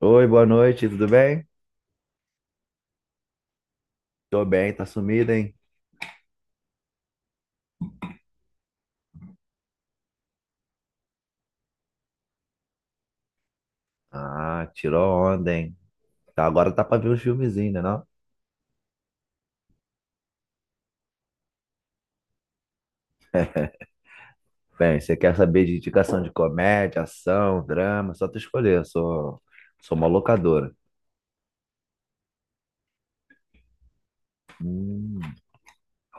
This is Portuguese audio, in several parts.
Oi, boa noite, tudo bem? Tô bem, tá sumido, hein? Ah, tirou onda, hein? Tá, agora tá pra ver uns filmezinhos, né, não? Bem, você quer saber de indicação de comédia, ação, drama? Só tu escolher, eu sou uma locadora. Hum,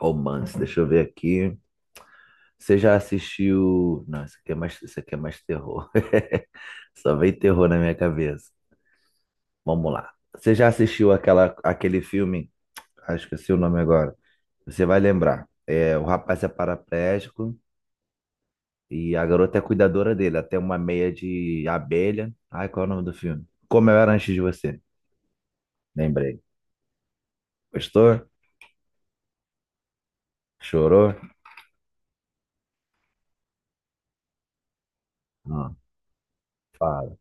Romance, deixa eu ver aqui. Você já assistiu... Não, isso aqui é mais terror. Só vem terror na minha cabeça. Vamos lá. Você já assistiu aquele filme? Ah, esqueci o nome agora. Você vai lembrar. É, o rapaz é paraplégico e a garota é cuidadora dele, até uma meia de abelha. Ai, qual é o nome do filme? Como eu era antes de você. Lembrei. Gostou? Chorou? Não, fala.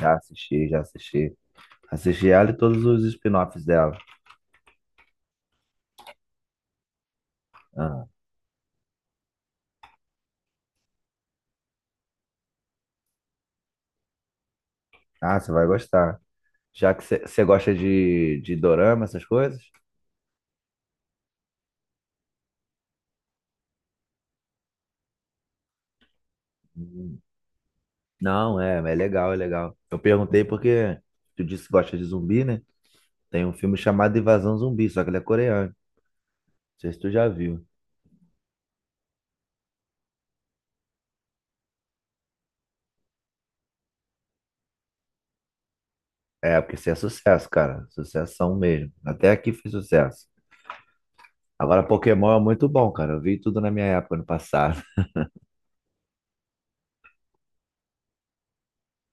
Já assisti, já assisti. Assisti ela e todos os spin-offs dela. Ah, você vai gostar. Já que você gosta de dorama, essas coisas? Hum. Não, é legal, é legal. Eu perguntei porque tu disse que gosta de zumbi, né? Tem um filme chamado Invasão Zumbi, só que ele é coreano. Não sei se tu já viu. É, porque isso é sucesso, cara. Sucessão mesmo. Até aqui foi sucesso. Agora, Pokémon é muito bom, cara. Eu vi tudo na minha época, no passado.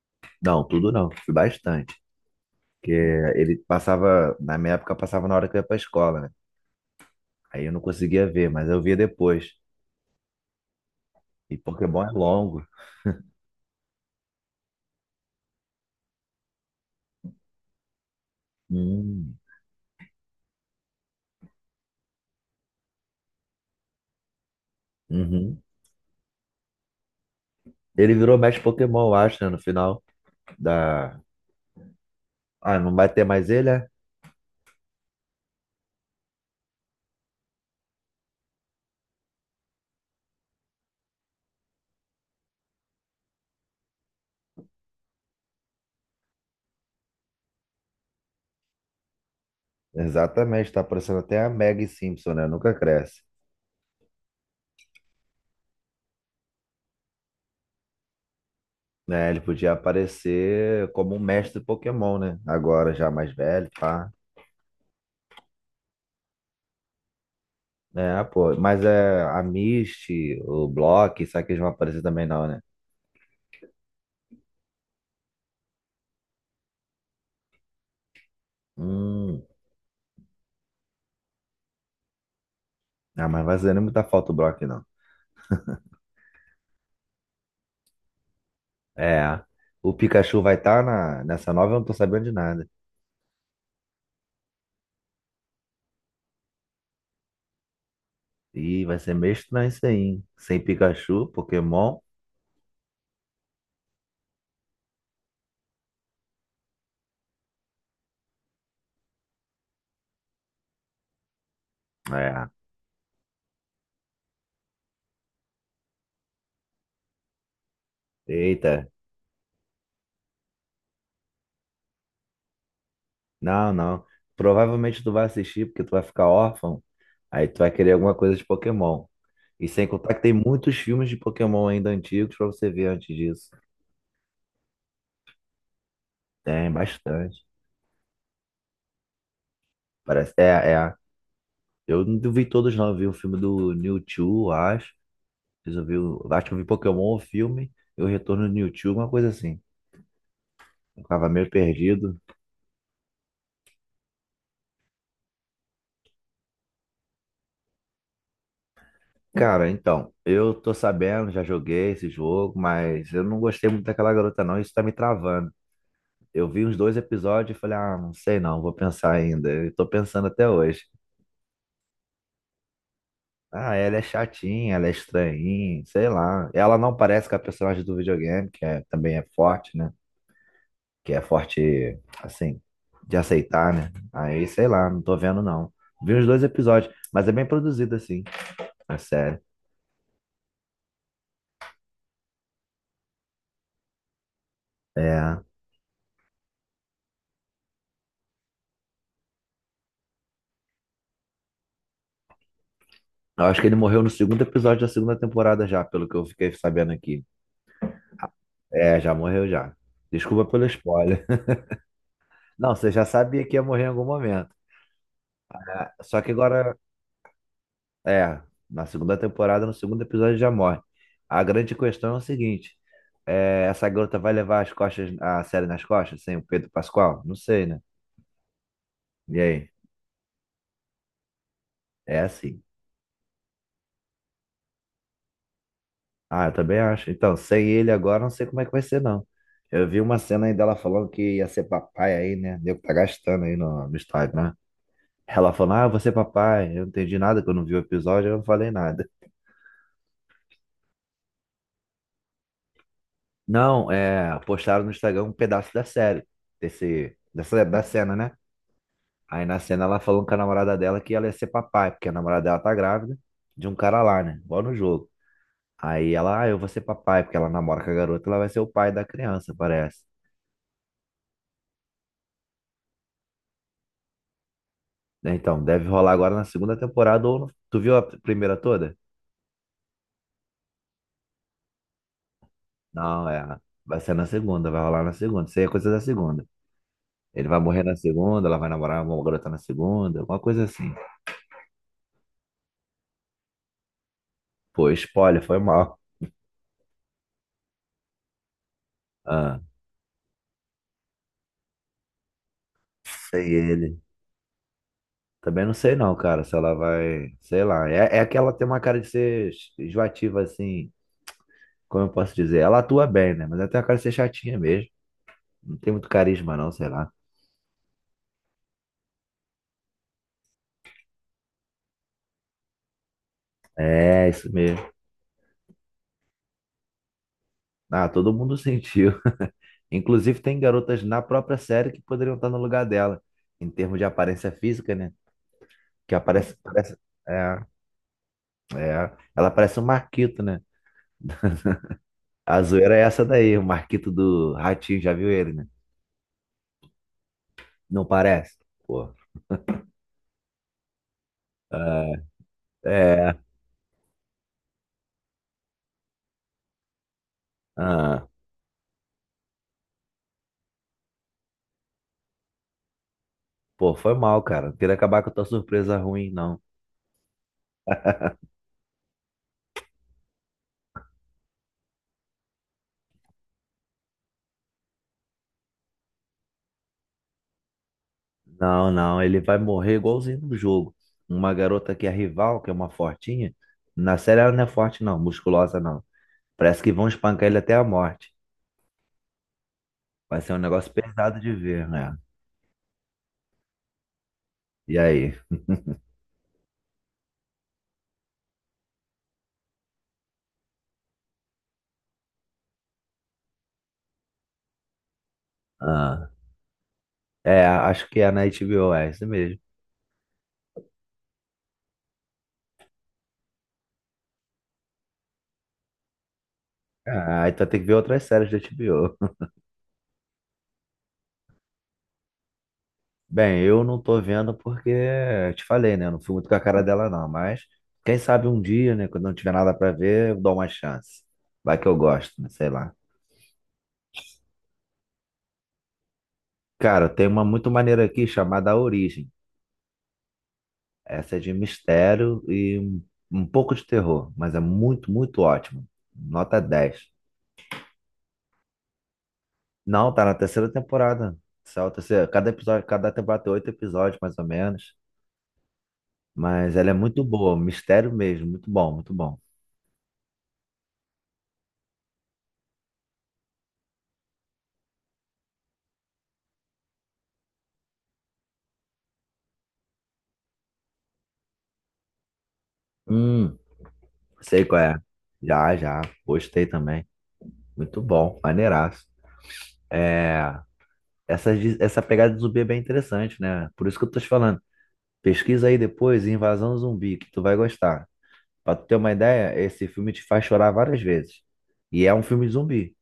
Não, tudo não. Vi bastante. Porque ele passava, na minha época, passava na hora que eu ia pra escola, né? Aí eu não conseguia ver, mas eu via depois. E Pokémon é longo. Hum, uhum. Ele virou mestre Pokémon, eu acho, né? No final da... Ah, não vai ter mais ele, é? Exatamente. Tá parecendo até a Maggie Simpson, né? Nunca cresce. Né? Ele podia aparecer como um mestre Pokémon, né? Agora já mais velho, pá. É, pô. Mas é a Misty, o Brock, será que eles vão aparecer também não, né? Hum. Ah, mas vai fazer nem muita falta o Brock, não. É. O Pikachu vai estar nessa nova, eu não tô sabendo de nada. Ih, vai ser meio estranho isso aí, hein? Sem Pikachu, Pokémon. É. Eita. Não, não. Provavelmente tu vai assistir porque tu vai ficar órfão. Aí tu vai querer alguma coisa de Pokémon. E sem contar que tem muitos filmes de Pokémon ainda antigos pra você ver antes disso. Tem bastante. Parece. É, é. Eu não vi todos, não. Eu vi o filme do Mewtwo, acho. Fiz eu vi o- Acho que eu vi Pokémon, o filme, e o Retorno do Mewtwo, uma coisa assim. Eu tava meio perdido. Cara, então, eu tô sabendo, já joguei esse jogo, mas eu não gostei muito daquela garota, não. Isso tá me travando. Eu vi uns dois episódios e falei, ah, não sei não, vou pensar ainda. Eu tô pensando até hoje. Ah, ela é chatinha, ela é estranhinha, sei lá. Ela não parece com a personagem do videogame, que é, também é forte, né? Que é forte, assim, de aceitar, né? Aí, sei lá, não tô vendo, não. Vi os dois episódios, mas é bem produzido, assim, a série. É. Eu acho que ele morreu no segundo episódio da segunda temporada já, pelo que eu fiquei sabendo aqui. É, já morreu já. Desculpa pelo spoiler. Não, você já sabia que ia morrer em algum momento. Só que agora é, na segunda temporada, no segundo episódio já morre. A grande questão é o seguinte: é, essa garota vai levar as costas, a série nas costas, sem o Pedro Pascoal? Não sei, né? E aí? É assim. Ah, eu também acho. Então, sem ele agora, não sei como é que vai ser, não. Eu vi uma cena aí dela falando que ia ser papai aí, né? Deu que tá gastando aí no estádio, né? Ela falando, ah, eu vou ser papai. Eu não entendi nada, que eu não vi o episódio, eu não falei nada. Não, é, postaram no Instagram um pedaço da série, da cena, né? Aí na cena ela falou com a namorada dela que ela ia ser papai, porque a namorada dela tá grávida de um cara lá, né? Igual no jogo. Aí ela, ah, eu vou ser papai, porque ela namora com a garota, ela vai ser o pai da criança, parece. Então, deve rolar agora na segunda temporada ou no... Tu viu a primeira toda? Não, é. Vai ser na segunda, vai rolar na segunda. Isso aí é coisa da segunda. Ele vai morrer na segunda, ela vai namorar uma garota na segunda, alguma coisa assim. Pô, spoiler, foi mal. Ah, sei ele. Também não sei não, cara, se ela vai, sei lá. É que ela tem uma cara de ser enjoativa, assim, como eu posso dizer. Ela atua bem, né? Mas ela tem uma cara de ser chatinha mesmo. Não tem muito carisma não, sei lá. É, isso mesmo. Ah, todo mundo sentiu. Inclusive tem garotas na própria série que poderiam estar no lugar dela, em termos de aparência física, né? Que aparece, parece, é, ela parece um Marquito, né? A zoeira é essa daí, o Marquito do Ratinho, já viu ele, né? Não parece? Pô. É, é. Ah. Pô, foi mal, cara. Não queria acabar com a tua surpresa ruim, não. Não, não, ele vai morrer igualzinho no jogo. Uma garota que é rival, que é uma fortinha, na série ela não é forte, não, musculosa, não. Parece que vão espancar ele até a morte. Vai ser um negócio pesado de ver, né? E aí? Ah, é, acho que é na HBO, é isso mesmo. Ah, então tem que ver outras séries da HBO. Bem, eu não tô vendo porque te falei, né? Eu não fui muito com a cara dela, não. Mas quem sabe um dia, né? Quando não tiver nada pra ver, eu dou uma chance. Vai que eu gosto, né? Sei lá. Cara, tem uma muito maneira aqui chamada A Origem. Essa é de mistério e um pouco de terror, mas é muito, muito ótimo. Nota dez. Não, tá na terceira temporada. Essa é a terceira. Cada temporada tem oito episódios, mais ou menos. Mas ela é muito boa, mistério mesmo, muito bom, muito bom. Hum. Sei qual é. Já, já. Gostei também. Muito bom. Maneiraço. É, essa pegada de zumbi é bem interessante, né? Por isso que eu tô te falando. Pesquisa aí depois, Invasão Zumbi, que tu vai gostar. Pra tu ter uma ideia, esse filme te faz chorar várias vezes. E é um filme de zumbi.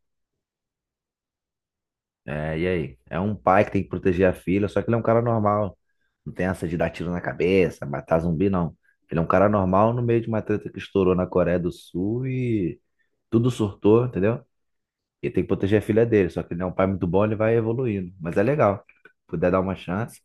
É, e aí? É um pai que tem que proteger a filha, só que ele é um cara normal. Não tem essa de dar tiro na cabeça, matar zumbi, não. Ele é um cara normal no meio de uma treta que estourou na Coreia do Sul e tudo surtou, entendeu? Ele tem que proteger a filha dele, só que ele é um pai muito bom, ele vai evoluindo. Mas é legal. Puder dar uma chance,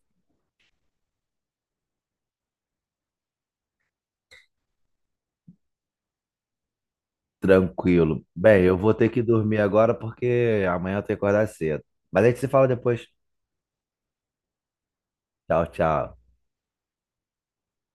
tranquilo. Bem, eu vou ter que dormir agora porque amanhã eu tenho que acordar cedo. Mas a gente se fala depois. Tchau, tchau.